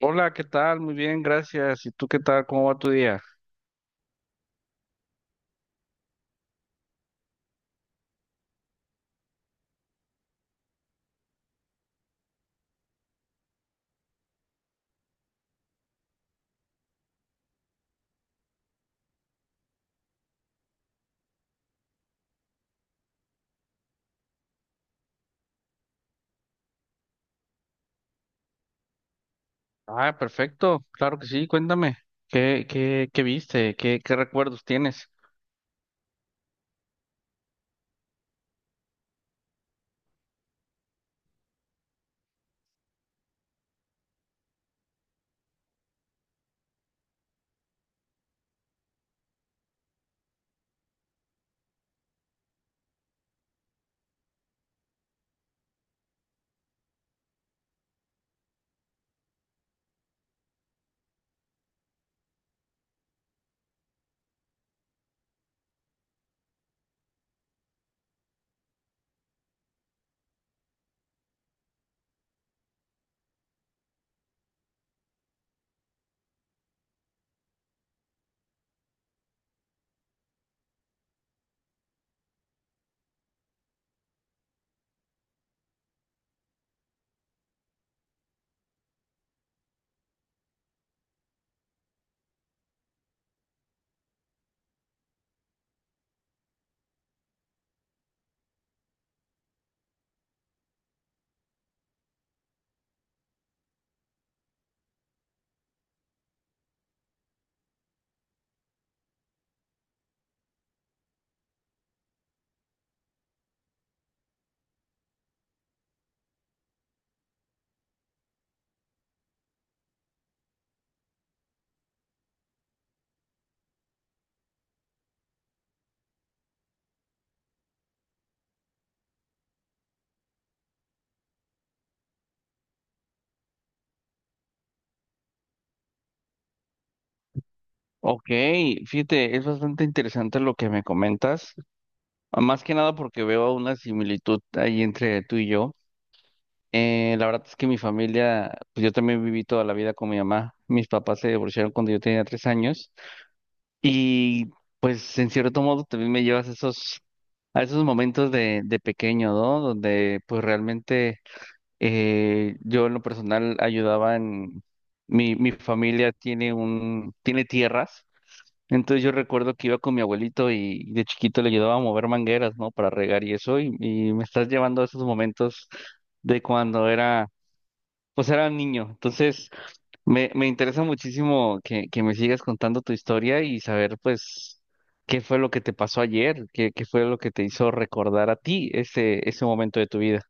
Hola, ¿qué tal? Muy bien, gracias. ¿Y tú qué tal? ¿Cómo va tu día? Ah, perfecto. Claro que sí. Cuéntame. ¿Qué viste? ¿Qué recuerdos tienes? Ok, fíjate, es bastante interesante lo que me comentas. Ah, más que nada porque veo una similitud ahí entre tú y yo. La verdad es que mi familia, pues yo también viví toda la vida con mi mamá. Mis papás se divorciaron cuando yo tenía tres años. Y pues en cierto modo también me llevas esos a esos momentos de pequeño, ¿no? Donde pues realmente yo en lo personal ayudaba en... Mi familia tiene un, tiene tierras, entonces yo recuerdo que iba con mi abuelito y de chiquito le ayudaba a mover mangueras, ¿no? Para regar y eso, y me estás llevando a esos momentos de cuando era, pues era niño. Entonces... Me interesa muchísimo que me sigas contando tu historia y saber, pues, qué fue lo que te pasó ayer, qué fue lo que te hizo recordar a ti ese, ese momento de tu vida.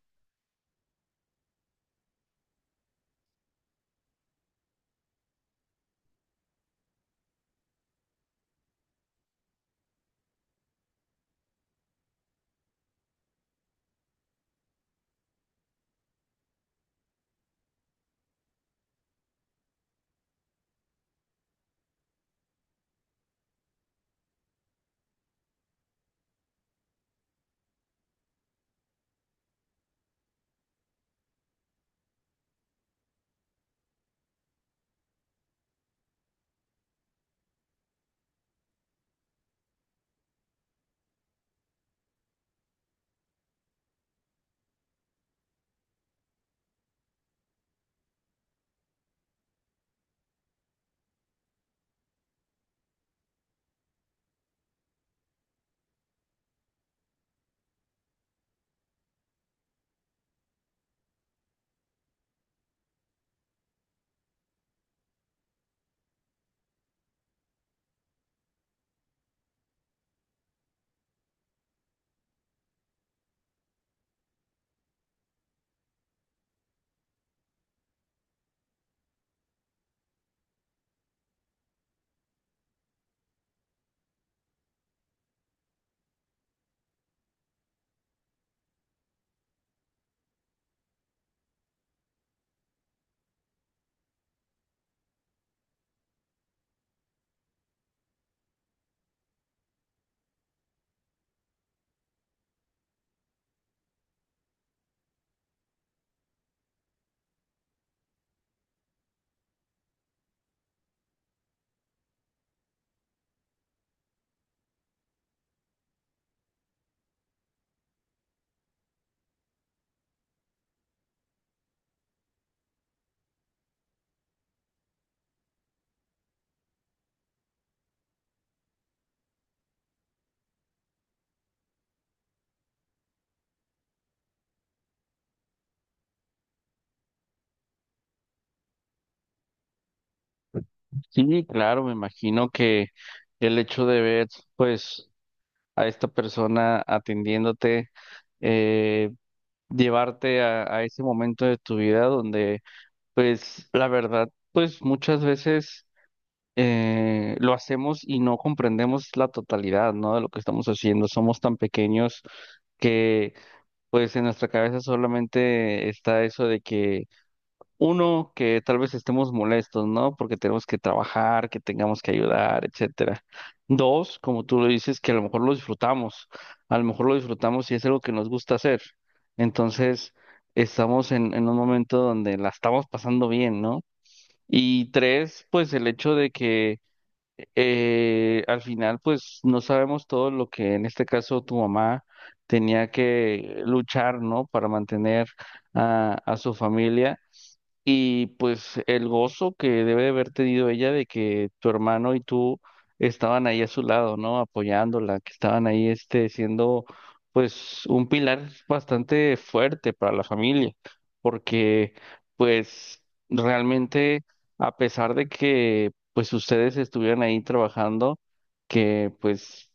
Sí, claro, me imagino que el hecho de ver, pues, a esta persona atendiéndote, eh, llevarte a ese momento de tu vida donde, pues, la verdad, pues, muchas veces lo hacemos y no comprendemos la totalidad, ¿no? De lo que estamos haciendo. Somos tan pequeños que pues en nuestra cabeza solamente está eso de que uno, que tal vez estemos molestos, ¿no? Porque tenemos que trabajar, que tengamos que ayudar, etcétera. Dos, como tú lo dices, que a lo mejor lo disfrutamos, a lo mejor lo disfrutamos y es algo que nos gusta hacer. Entonces, estamos en un momento donde la estamos pasando bien, ¿no? Y tres, pues el hecho de que al final, pues no sabemos todo lo que en este caso tu mamá tenía que luchar, ¿no? Para mantener a su familia. Y pues el gozo que debe de haber tenido ella de que tu hermano y tú estaban ahí a su lado, ¿no? Apoyándola, que estaban ahí este siendo pues un pilar bastante fuerte para la familia, porque pues realmente a pesar de que pues ustedes estuvieran ahí trabajando, que pues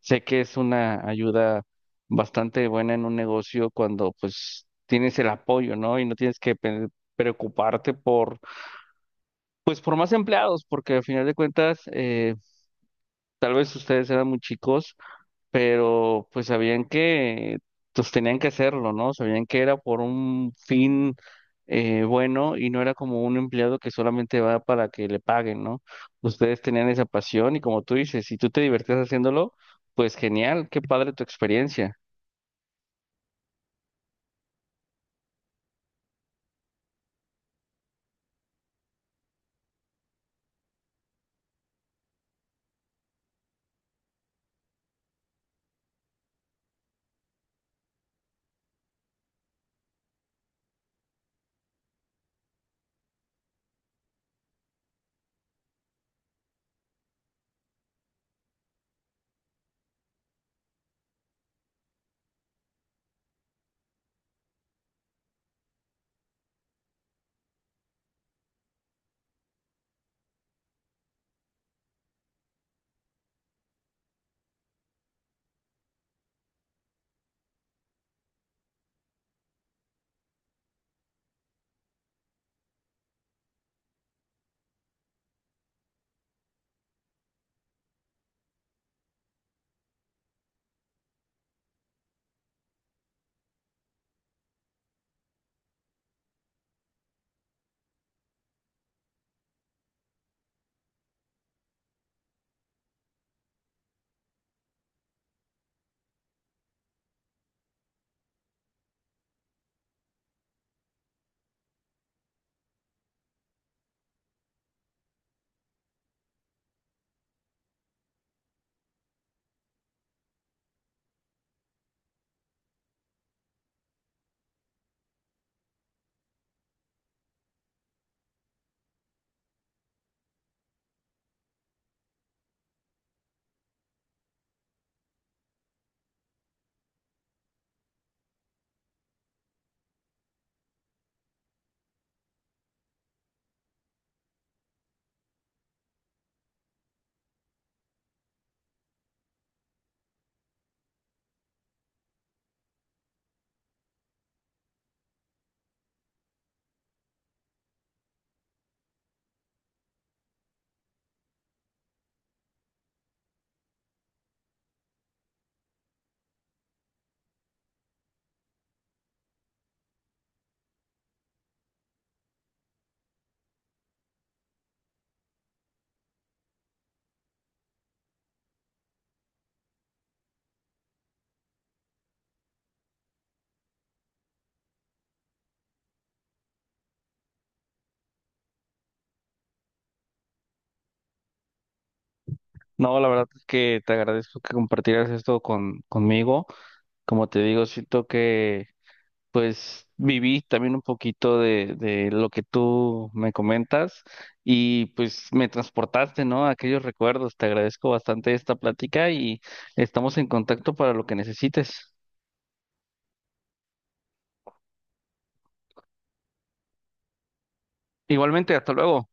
sé que es una ayuda bastante buena en un negocio cuando pues tienes el apoyo, ¿no? Y no tienes que preocuparte por, pues por más empleados, porque al final de cuentas, tal vez ustedes eran muy chicos, pero pues sabían que pues tenían que hacerlo, ¿no? Sabían que era por un fin bueno y no era como un empleado que solamente va para que le paguen, ¿no? Ustedes tenían esa pasión y como tú dices, si tú te divertías haciéndolo, pues genial, qué padre tu experiencia. No, la verdad es que te agradezco que compartieras esto con, conmigo. Como te digo, siento que pues viví también un poquito de lo que tú me comentas y pues me transportaste, ¿no? A aquellos recuerdos. Te agradezco bastante esta plática y estamos en contacto para lo que necesites. Igualmente, hasta luego.